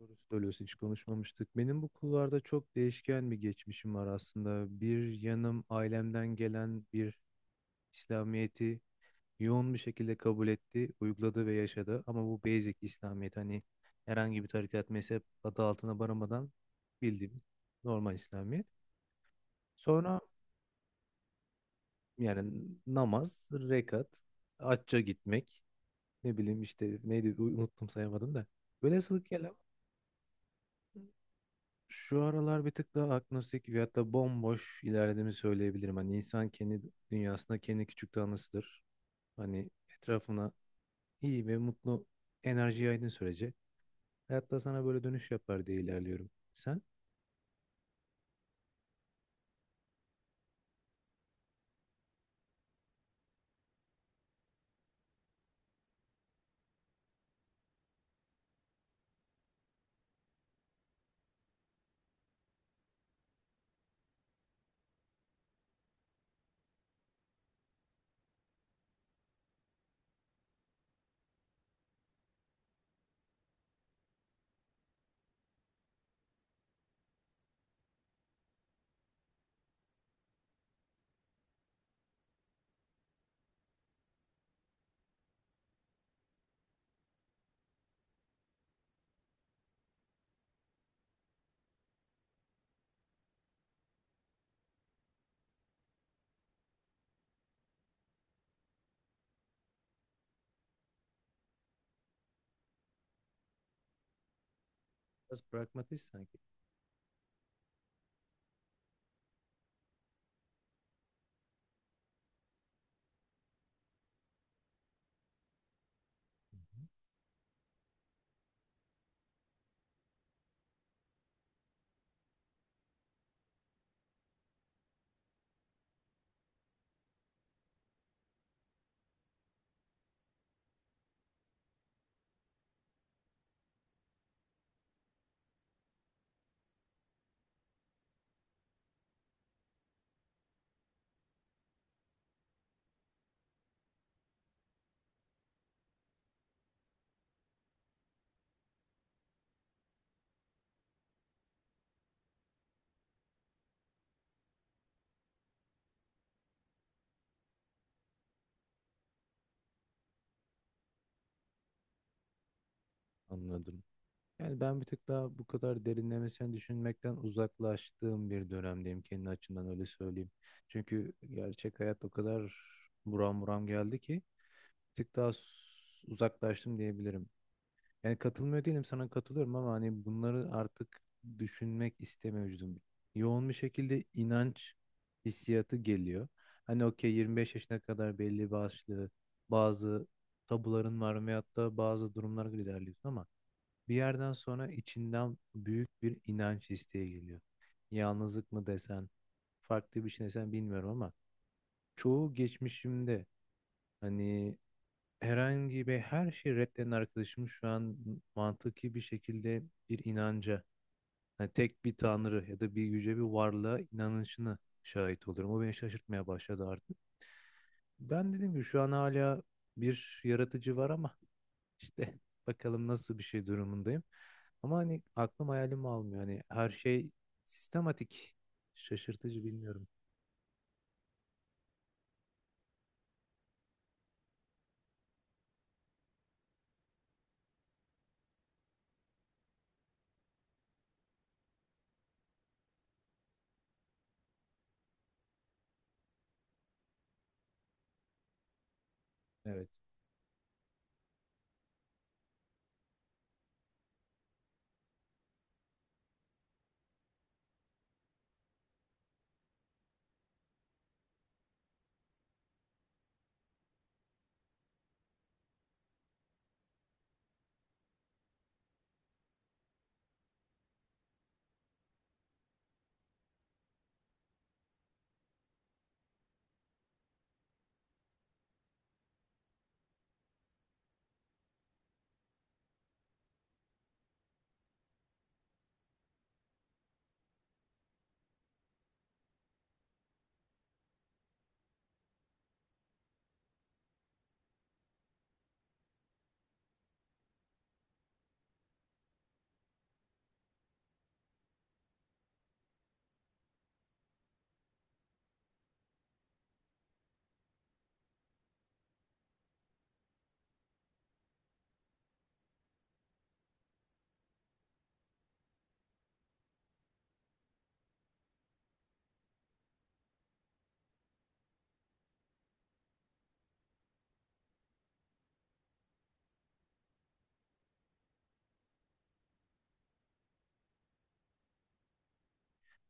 Doğru söylüyorsun, hiç konuşmamıştık. Benim bu kulvarda çok değişken bir geçmişim var aslında. Bir yanım ailemden gelen bir İslamiyet'i yoğun bir şekilde kabul etti, uyguladı ve yaşadı. Ama bu basic İslamiyet, hani herhangi bir tarikat mezhep adı altına baramadan bildiğim normal İslamiyet. Sonra yani namaz, rekat, hacca gitmek, ne bileyim işte neydi, unuttum sayamadım da. Velhasıl kelam, şu aralar bir tık daha agnostik ve hatta bomboş ilerlediğimi söyleyebilirim. Hani insan kendi dünyasında kendi küçük tanrısıdır. Hani etrafına iyi ve mutlu enerji yaydığın sürece hayatta sana böyle dönüş yapar diye ilerliyorum. Sen biraz pragmatist sanki. Hı hı. Anladım. Yani ben bir tık daha bu kadar derinlemesine düşünmekten uzaklaştığım bir dönemdeyim, kendi açımdan öyle söyleyeyim. Çünkü gerçek hayat o kadar buram buram geldi ki bir tık daha uzaklaştım diyebilirim. Yani katılmıyor değilim, sana katılıyorum ama hani bunları artık düşünmek istemiyor vücudum. Yoğun bir şekilde inanç hissiyatı geliyor. Hani okey, 25 yaşına kadar belli başlı bazı tabuların var veyahut da bazı durumlar ilerliyorsun ama bir yerden sonra içinden büyük bir inanç isteği geliyor. Yalnızlık mı desen, farklı bir şey desen bilmiyorum ama çoğu geçmişimde hani herhangi bir her şeyi reddeden arkadaşım şu an mantıki bir şekilde bir inanca, hani tek bir tanrı ya da bir yüce bir varlığa inanışını şahit oluyorum. O beni şaşırtmaya başladı artık. Ben dedim ki şu an hala bir yaratıcı var ama işte bakalım nasıl bir şey durumundayım. Ama hani aklım hayalim almıyor. Hani her şey sistematik. Şaşırtıcı, bilmiyorum. Evet.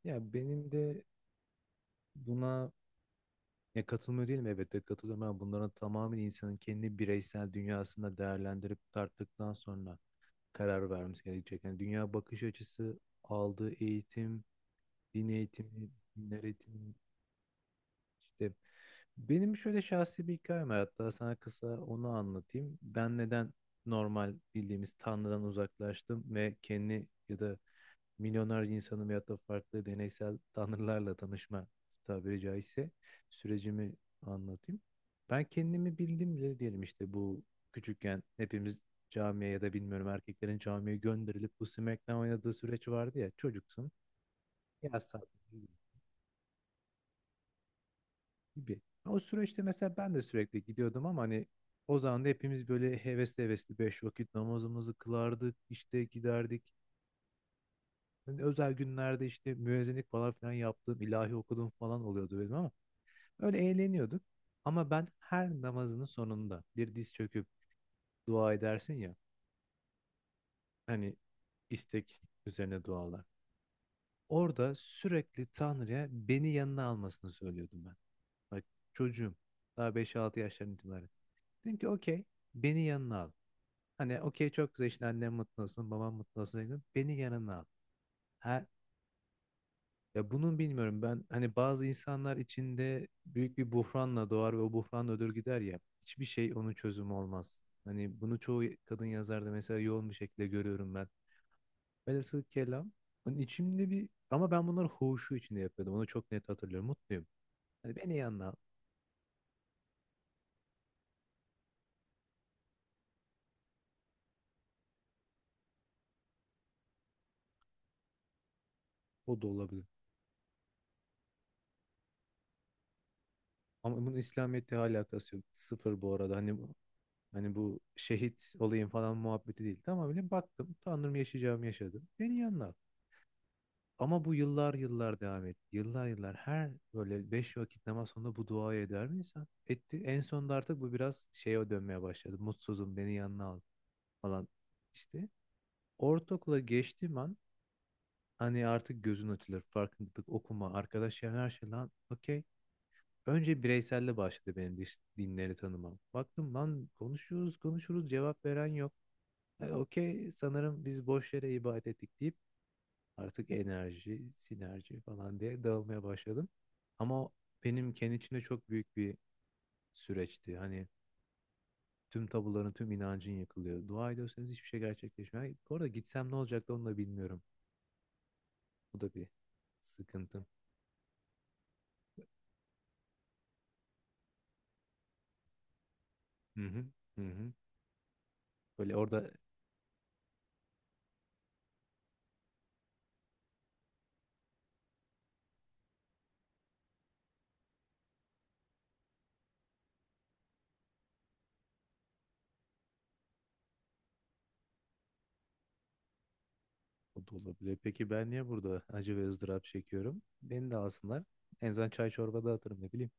Ya benim de buna, ya katılmıyor değilim, elbette katılıyorum ama bunların tamamen insanın kendi bireysel dünyasında değerlendirip tarttıktan sonra karar vermesi gerekecek. Yani dünya bakış açısı, aldığı eğitim, din eğitimi, dinler eğitimi, işte benim şöyle şahsi bir hikayem var, hatta sana kısa onu anlatayım. Ben neden normal bildiğimiz Tanrı'dan uzaklaştım ve kendi ya da milyonlarca insanın veyahut da farklı deneysel tanrılarla tanışma, tabiri caizse, sürecimi anlatayım. Ben kendimi bildim bile diyelim, işte bu küçükken hepimiz camiye ya da bilmiyorum, erkeklerin camiye gönderilip bu SmackDown oynadığı süreç vardı ya, çocuksun, yaz tatili gibi. O süreçte mesela ben de sürekli gidiyordum ama hani o zaman da hepimiz böyle hevesli hevesli beş vakit namazımızı kılardık, işte giderdik. Ben özel günlerde işte müezzinlik falan filan yaptığım, ilahi okuduğum falan oluyordu benim ama öyle eğleniyorduk. Ama ben her namazının sonunda bir diz çöküp dua edersin ya, hani istek üzerine dualar. Orada sürekli Tanrı'ya beni yanına almasını söylüyordum ben. Bak, çocuğum, daha beş altı yaşlarından itibaren. Dedim ki okey, beni yanına al. Hani okey, çok güzel işte, annem mutlu olsun, babam mutlu olsun, dedim. Beni yanına al. Her, ya bunun bilmiyorum, ben hani bazı insanlar içinde büyük bir buhranla doğar ve o buhran ödür gider ya. Hiçbir şey onun çözümü olmaz. Hani bunu çoğu kadın yazarda mesela yoğun bir şekilde görüyorum ben. Velhasıl kelam, hani içimde bir, ama ben bunları huşu içinde yapıyordum. Onu çok net hatırlıyorum. Mutluyum. Hani beni iyi, o da olabilir. Ama bunun İslamiyet'le alakası yok. Sıfır bu arada. Hani bu, hani bu şehit olayım falan muhabbeti değil. Tamamen baktım. Tanrım, yaşayacağımı yaşadım. Beni iyi anla. Ama bu yıllar yıllar devam etti. Yıllar yıllar her böyle beş vakit namaz sonunda bu duayı eder mi insan? Etti. En sonunda artık bu biraz şeye dönmeye başladı. Mutsuzum, beni yanına al falan işte. Ortaokula geçtiğim an hani artık gözün açılır. Farkındalık, okuma, arkadaş çevren, her şey, lan okey. Önce bireyselle başladı benim dinleri tanımam. Baktım lan, konuşuyoruz konuşuruz, cevap veren yok. Okey, sanırım biz boş yere ibadet ettik, deyip artık enerji, sinerji falan diye dağılmaya başladım. Ama benim kendi içimde çok büyük bir süreçti. Hani tüm tabuların, tüm inancın yıkılıyor. Dua ediyorsanız hiçbir şey gerçekleşmiyor. Ay, bu arada gitsem ne olacaktı, onu da bilmiyorum. Bu da bir sıkıntım. Hı hı, hı hı. Böyle orada o da olabilir. Peki ben niye burada acı ve ızdırap çekiyorum? Beni de alsınlar. En azından çay çorba dağıtırım, ne bileyim.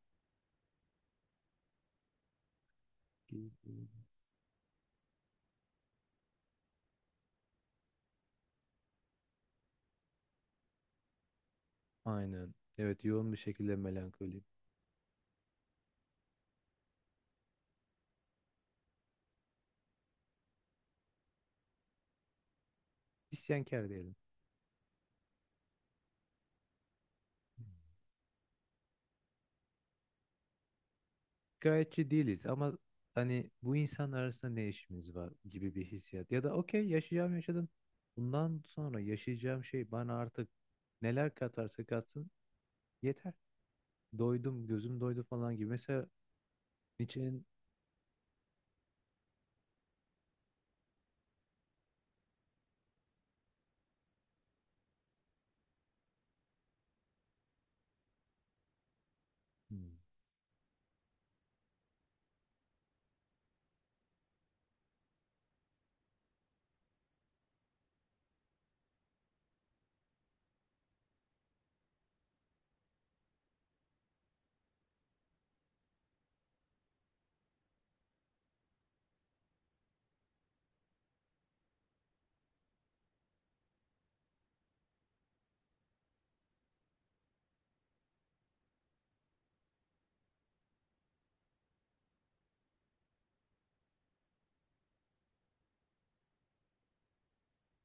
Aynen. Evet, yoğun bir şekilde melankoliyim. İsyankar diyelim. Gayetçi değiliz ama hani bu insanlar arasında ne işimiz var gibi bir hissiyat. Ya da okey, yaşayacağım yaşadım. Bundan sonra yaşayacağım şey bana artık neler katarsa katsın, yeter. Doydum, gözüm doydu falan gibi. Mesela Nietzsche'nin, hmm,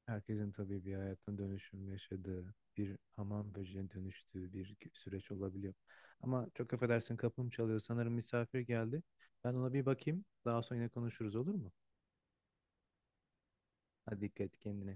herkesin tabii bir hayatın dönüşüm yaşadığı, bir hamam böceğine dönüştüğü bir süreç olabiliyor. Ama çok affedersin, kapım çalıyor. Sanırım misafir geldi. Ben ona bir bakayım. Daha sonra yine konuşuruz, olur mu? Hadi dikkat et kendine.